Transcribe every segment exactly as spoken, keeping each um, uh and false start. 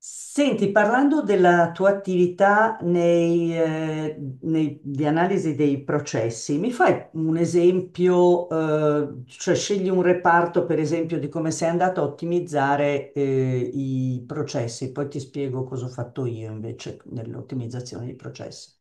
Senti, parlando della tua attività nei, eh, nei- di analisi dei processi, mi fai un esempio, eh, cioè scegli un reparto, per esempio, di come sei andato a ottimizzare, eh, i processi, poi ti spiego cosa ho fatto io invece nell'ottimizzazione dei processi.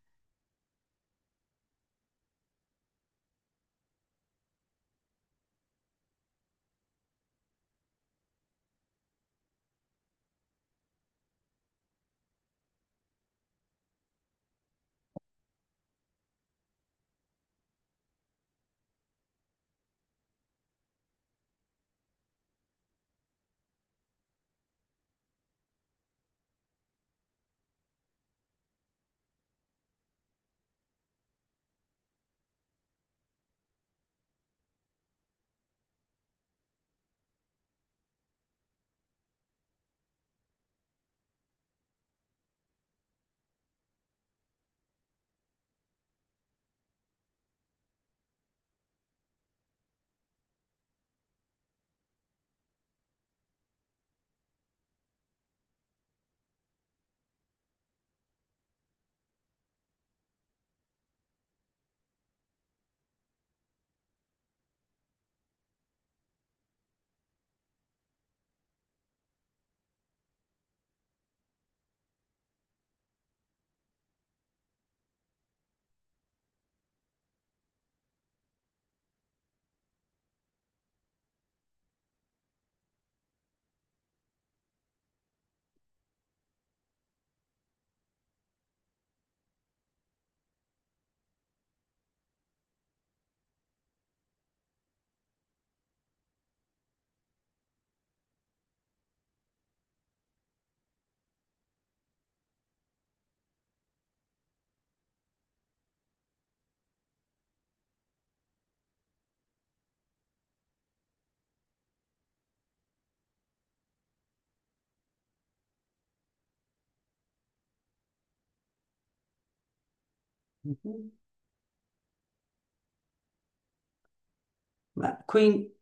Mhm. Ma quindi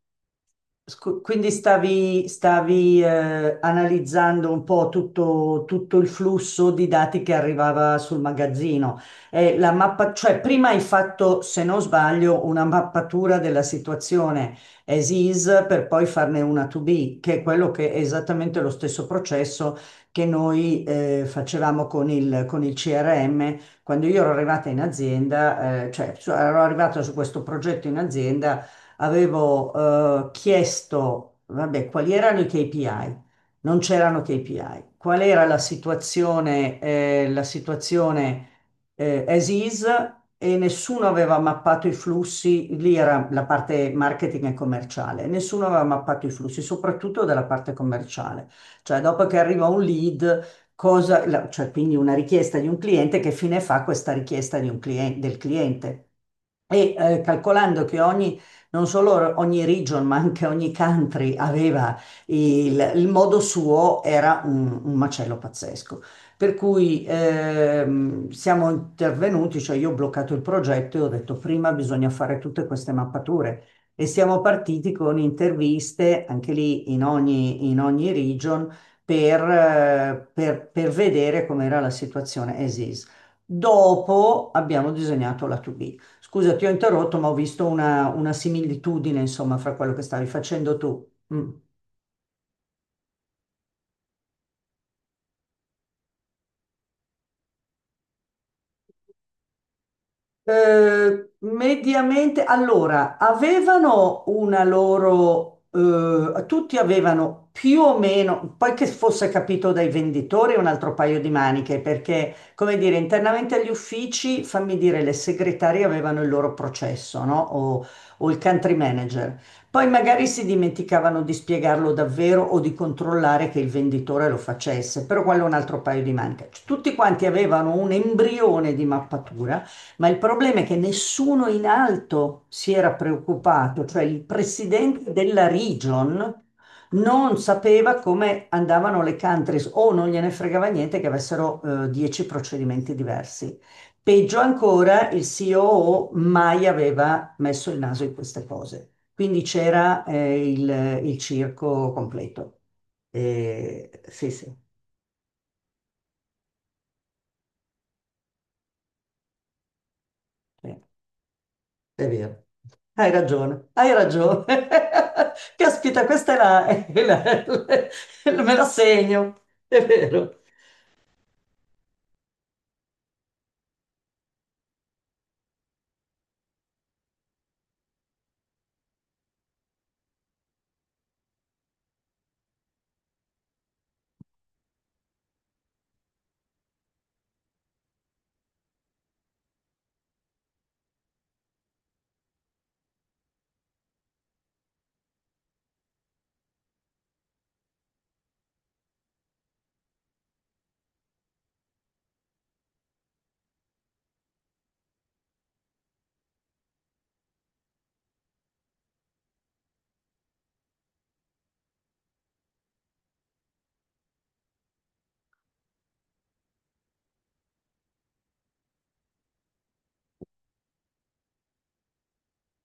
Scu- Quindi stavi, stavi, eh, analizzando un po' tutto, tutto il flusso di dati che arrivava sul magazzino. E la mappa, cioè prima hai fatto, se non sbaglio, una mappatura della situazione as is per poi farne una to be, che è quello che è esattamente lo stesso processo che noi eh, facevamo con il, con il C R M. Quando io ero arrivata in azienda, eh, cioè su- ero arrivata su questo progetto in azienda, avevo eh, chiesto, vabbè, quali erano i K P I? Non c'erano K P I. Qual era la situazione, eh, la situazione eh, as is, e nessuno aveva mappato i flussi, lì era la parte marketing e commerciale, nessuno aveva mappato i flussi, soprattutto dalla parte commerciale. Cioè, dopo che arriva un lead, cosa, la- cioè, quindi una richiesta di un cliente, che fine fa questa richiesta di un clien- del cliente? E eh, calcolando che ogni non solo ogni region, ma anche ogni country aveva il, il modo suo, era un, un macello pazzesco. Per cui ehm, siamo intervenuti, cioè io ho bloccato il progetto e ho detto prima bisogna fare tutte queste mappature, e siamo partiti con interviste anche lì in ogni, in ogni region per, eh, per, per vedere com'era la situazione as is. Dopo abbiamo disegnato la to be. Scusa, ti ho interrotto, ma ho visto una, una similitudine, insomma, fra quello che stavi facendo tu. Mm. Eh, mediamente, allora, avevano una loro, eh, tutti avevano più o meno, poi che fosse capito dai venditori, è un altro paio di maniche, perché, come dire, internamente agli uffici, fammi dire, le segretarie avevano il loro processo, no? O, o il country manager. Poi magari si dimenticavano di spiegarlo davvero o di controllare che il venditore lo facesse, però quello è un altro paio di maniche. Tutti quanti avevano un embrione di mappatura, ma il problema è che nessuno in alto si era preoccupato, cioè il presidente della region non sapeva come andavano le countries o non gliene fregava niente che avessero eh, dieci procedimenti diversi. Peggio ancora, il C O O mai aveva messo il naso in queste cose. Quindi c'era eh, il, il circo completo. Eh, sì, sì. Sì. È vero, hai ragione, hai ragione. Caspita, questa è la, è la- me la segno, è vero.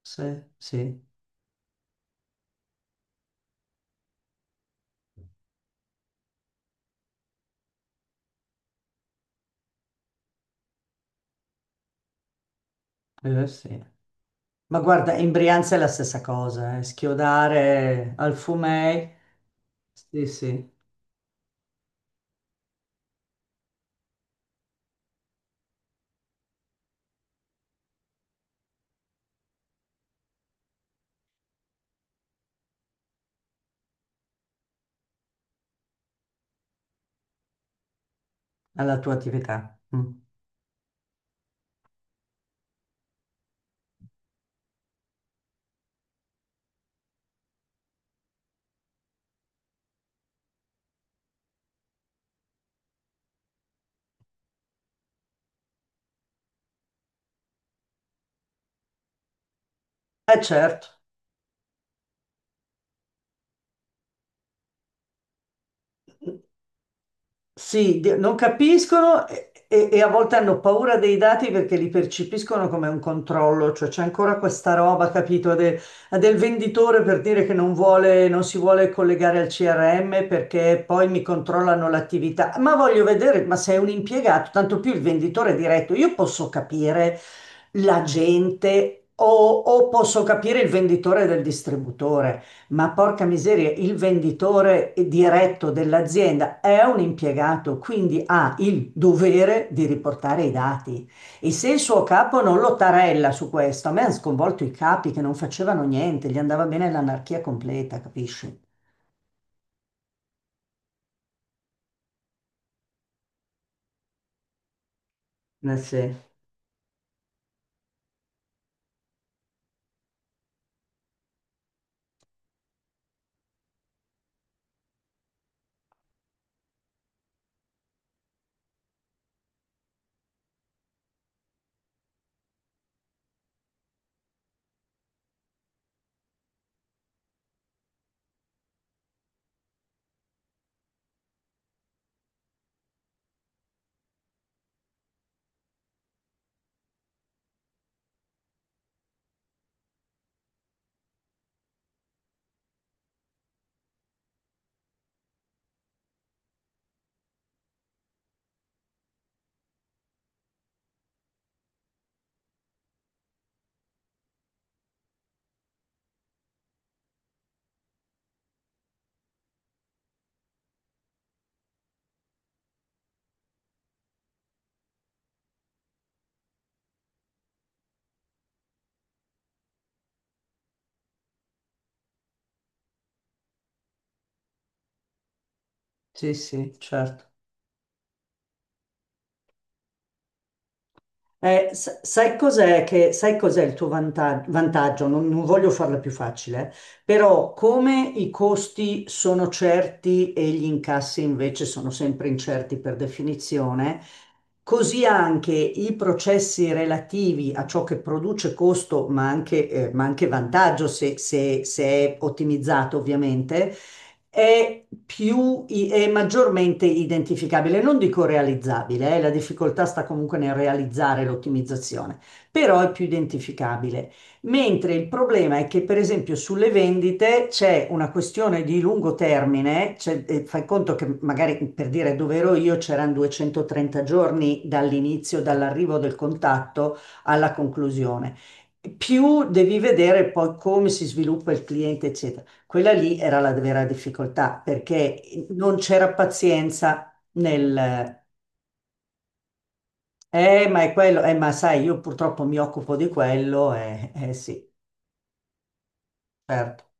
Sì, sì, eh, sì. Ma guarda, in Brianza è la stessa cosa, eh. Schiodare al fumei, sì, sì, alla tua attività. Mm. Eh certo. Sì, di- non capiscono, e, e- e a volte hanno paura dei dati perché li percepiscono come un controllo, cioè c'è ancora questa roba, capito, de- del venditore, per dire che non vuole, non si vuole collegare al C R M perché poi mi controllano l'attività. Ma voglio vedere, ma sei un impiegato, tanto più il venditore diretto, io posso capire la gente o o posso capire il venditore del distributore. Ma porca miseria, il venditore diretto dell'azienda è un impiegato, quindi ha il dovere di riportare i dati. E se il suo capo non lo tarella su questo, a me hanno sconvolto i capi che non facevano niente, gli andava bene l'anarchia completa, capisci? Eh sì, sì, sì, certo. Eh, sa- sai cos'è che- sai cos'è il tuo vanta- vantaggio? Non, non voglio farla più facile, eh. Però come i costi sono certi e gli incassi invece sono sempre incerti per definizione, così anche i processi relativi a ciò che produce costo, ma anche, eh, ma anche vantaggio, se se- se è ottimizzato ovviamente, è più, i- è maggiormente identificabile, non dico realizzabile, eh, la difficoltà sta comunque nel realizzare l'ottimizzazione, però è più identificabile. Mentre il problema è che, per esempio, sulle vendite c'è una questione di lungo termine, cioè, eh, fai conto che magari, per dire, dove ero io c'erano duecentotrenta giorni dall'inizio, dall'arrivo del contatto alla conclusione. Più devi vedere poi come si sviluppa il cliente, eccetera. Quella lì era la vera difficoltà perché non c'era pazienza nel eh, ma è quello, eh, ma sai, io purtroppo mi occupo di quello, eh, eh sì, certo.